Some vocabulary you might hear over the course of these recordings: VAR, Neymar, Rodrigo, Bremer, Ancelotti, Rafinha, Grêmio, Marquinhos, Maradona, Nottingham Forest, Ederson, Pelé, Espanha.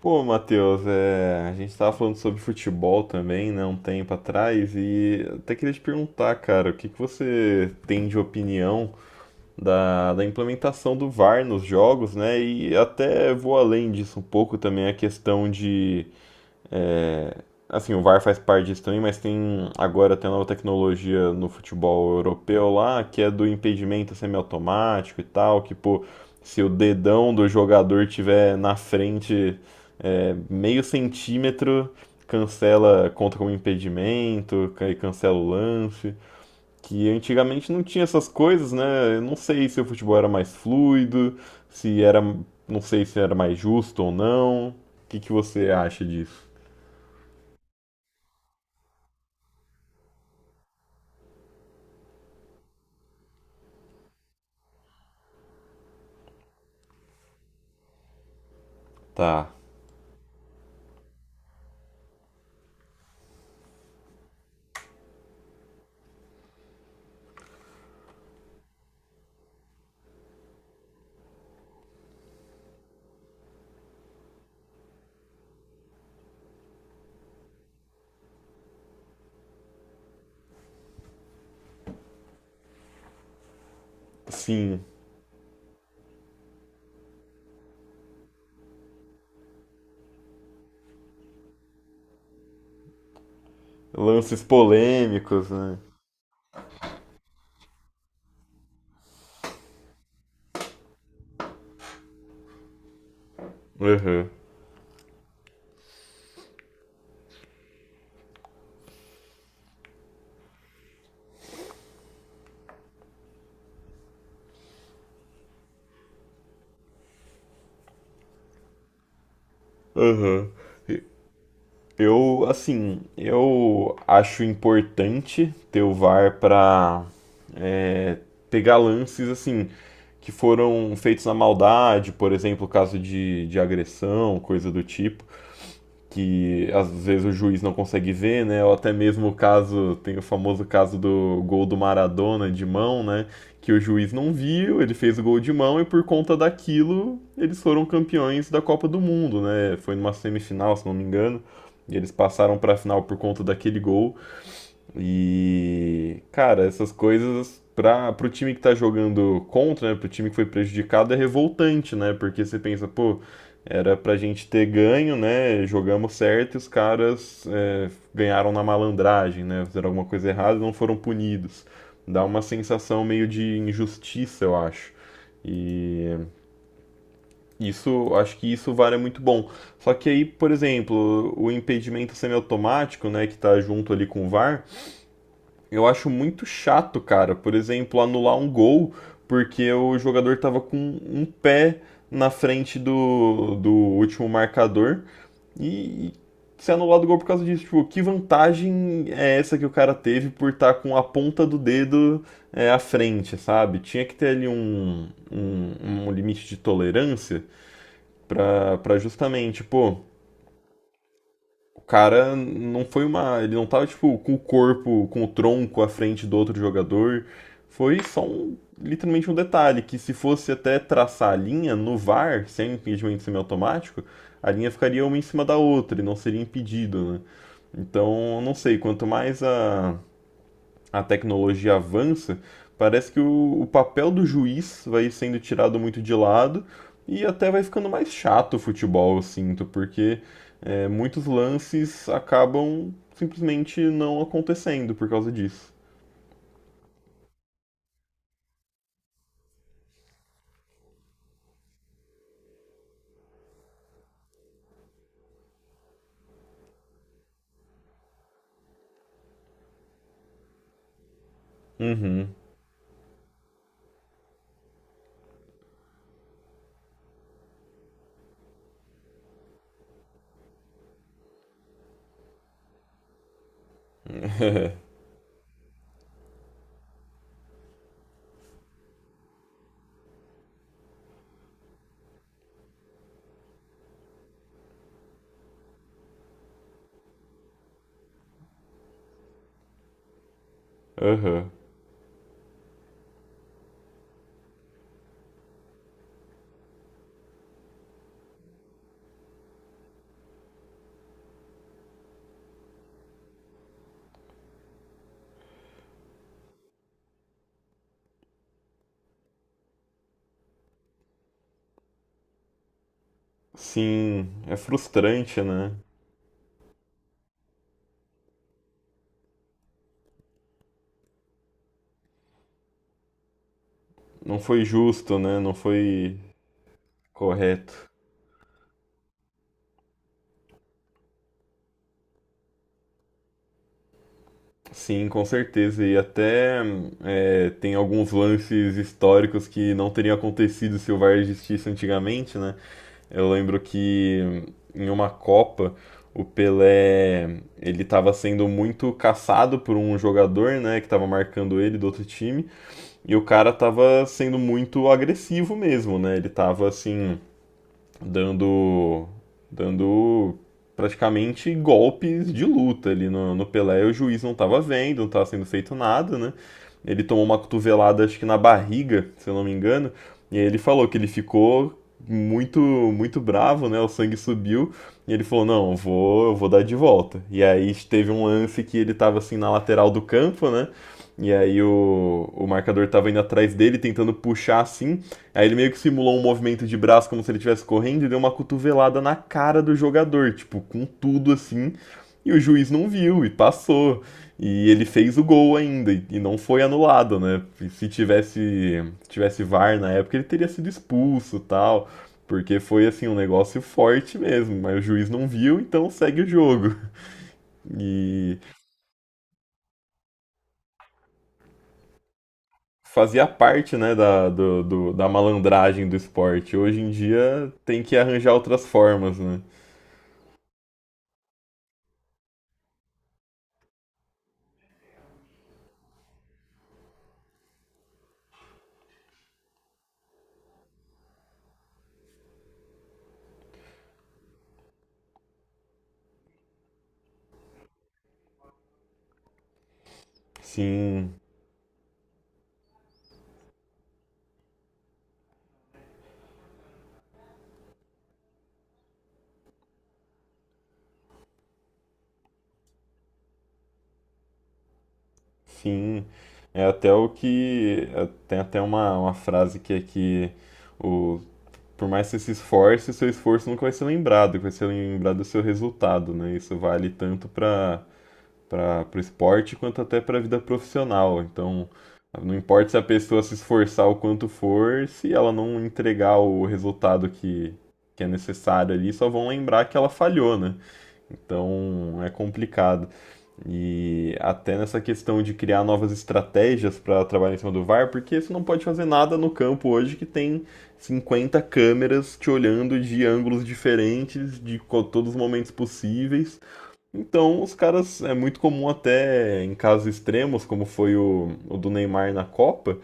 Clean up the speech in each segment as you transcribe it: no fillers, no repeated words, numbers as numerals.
Pô, Matheus, a gente tava falando sobre futebol também, né, um tempo atrás, e até queria te perguntar, cara, o que que você tem de opinião da implementação do VAR nos jogos, né? E até vou além disso um pouco também a questão de é, assim, o VAR faz parte disso também, mas tem agora tem uma nova tecnologia no futebol europeu lá, que é do impedimento semiautomático e tal, que pô, se o dedão do jogador tiver na frente meio centímetro, cancela, conta como impedimento, aí cancela o lance. Que antigamente não tinha essas coisas, né? Eu não sei se o futebol era mais fluido, se era, não sei se era mais justo ou não. O que que você acha disso? Tá. Sim. Lances polêmicos, né? Aham. Aham. Eu acho importante ter o VAR pra pegar lances, assim, que foram feitos na maldade, por exemplo, caso de agressão, coisa do tipo. Que às vezes o juiz não consegue ver, né? Ou até mesmo o caso, tem o famoso caso do gol do Maradona de mão, né? Que o juiz não viu, ele fez o gol de mão e por conta daquilo eles foram campeões da Copa do Mundo, né? Foi numa semifinal, se não me engano, e eles passaram para a final por conta daquele gol. E, cara, essas coisas para pro time que tá jogando contra, né, pro time que foi prejudicado é revoltante, né? Porque você pensa, pô, era pra gente ter ganho, né? Jogamos certo e os caras ganharam na malandragem, né? Fizeram alguma coisa errada e não foram punidos. Dá uma sensação meio de injustiça, eu acho. E isso, acho que isso vale muito bom. Só que aí, por exemplo, o impedimento semiautomático, né, que tá junto ali com o VAR, eu acho muito chato, cara, por exemplo, anular um gol porque o jogador tava com um pé na frente do último marcador e ser anulado o gol por causa disso. Tipo, que vantagem é essa que o cara teve por estar com a ponta do dedo à frente, sabe? Tinha que ter ali um limite de tolerância, tá? Para justamente, pô, o cara não foi uma. Ele não tava, tipo, com o corpo, com o tronco à frente do outro jogador. Foi só um, literalmente um detalhe, que se fosse até traçar a linha no VAR, sem impedimento semiautomático, a linha ficaria uma em cima da outra e não seria impedido, né? Então, não sei, quanto mais a tecnologia avança, parece que o papel do juiz vai sendo tirado muito de lado e até vai ficando mais chato o futebol, eu sinto, porque muitos lances acabam simplesmente não acontecendo por causa disso. Uhum. Aham. Sim, é frustrante, né? Não foi justo, né? Não foi correto. Sim, com certeza. E até tem alguns lances históricos que não teriam acontecido se o VAR existisse antigamente, né? Eu lembro que em uma Copa, o Pelé, ele estava sendo muito caçado por um jogador, né, que estava marcando ele do outro time, e o cara estava sendo muito agressivo mesmo, né? Ele estava assim, dando dando praticamente golpes de luta ali no Pelé. O juiz não estava vendo, não estava sendo feito nada, né? Ele tomou uma cotovelada, acho que na barriga, se eu não me engano, e aí ele falou que ele ficou muito muito bravo, né? O sangue subiu e ele falou: "Não, eu vou dar de volta". E aí teve um lance que ele estava assim na lateral do campo, né? E aí o marcador estava indo atrás dele, tentando puxar assim. Aí ele meio que simulou um movimento de braço como se ele estivesse correndo e deu uma cotovelada na cara do jogador, tipo, com tudo assim. E o juiz não viu e passou. E ele fez o gol ainda e não foi anulado, né? E se tivesse VAR na época, ele teria sido expulso, e tal, porque foi assim um negócio forte mesmo, mas o juiz não viu, então segue o jogo. E fazia parte, né, da da malandragem do esporte. Hoje em dia tem que arranjar outras formas, né? Sim, sim. É até o que. Tem até uma frase que é que o, por mais que você se esforce, seu esforço nunca vai ser lembrado, vai ser lembrado do seu resultado, né? Isso vale tanto para o esporte quanto até para a vida profissional. Então, não importa se a pessoa se esforçar o quanto for, se ela não entregar o resultado que é necessário ali, só vão lembrar que ela falhou, né? Então é complicado. E até nessa questão de criar novas estratégias para trabalhar em cima do VAR, porque você não pode fazer nada no campo hoje que tem 50 câmeras te olhando de ângulos diferentes, de todos os momentos possíveis. Então, os caras, é muito comum até em casos extremos, como foi o do Neymar na Copa,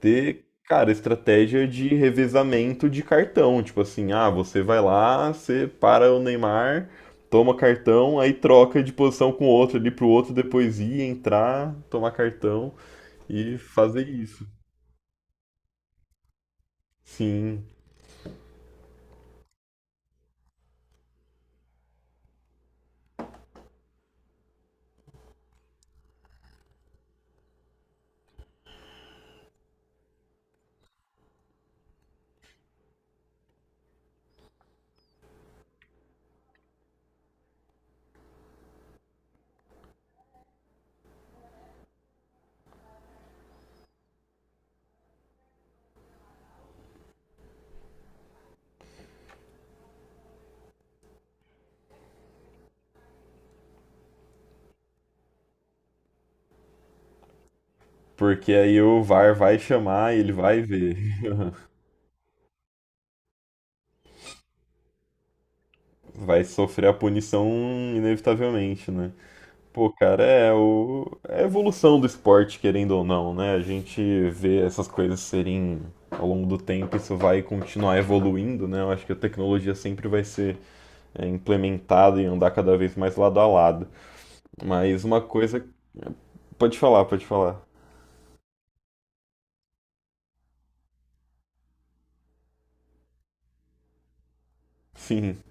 ter, cara, estratégia de revezamento de cartão. Tipo assim, ah, você vai lá, você para o Neymar, toma cartão, aí troca de posição com o outro ali pro outro depois ir, entrar, tomar cartão e fazer isso. Sim, porque aí o VAR vai chamar e ele vai ver. Vai sofrer a punição inevitavelmente, né? Pô, cara, é, o, é a evolução do esporte, querendo ou não, né? A gente vê essas coisas serem, ao longo do tempo, isso vai continuar evoluindo, né? Eu acho que a tecnologia sempre vai ser implementada e andar cada vez mais lado a lado. Mas uma coisa. Pode falar, pode falar. Sim.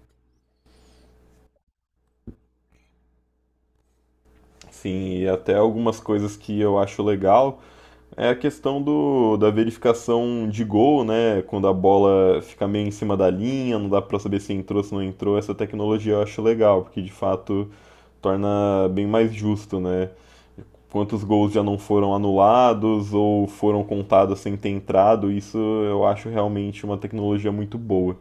Sim, e até algumas coisas que eu acho legal é a questão do, da verificação de gol, né? Quando a bola fica meio em cima da linha, não dá pra saber se entrou, se não entrou. Essa tecnologia eu acho legal, porque de fato torna bem mais justo, né? Quantos gols já não foram anulados ou foram contados sem ter entrado, isso eu acho realmente uma tecnologia muito boa.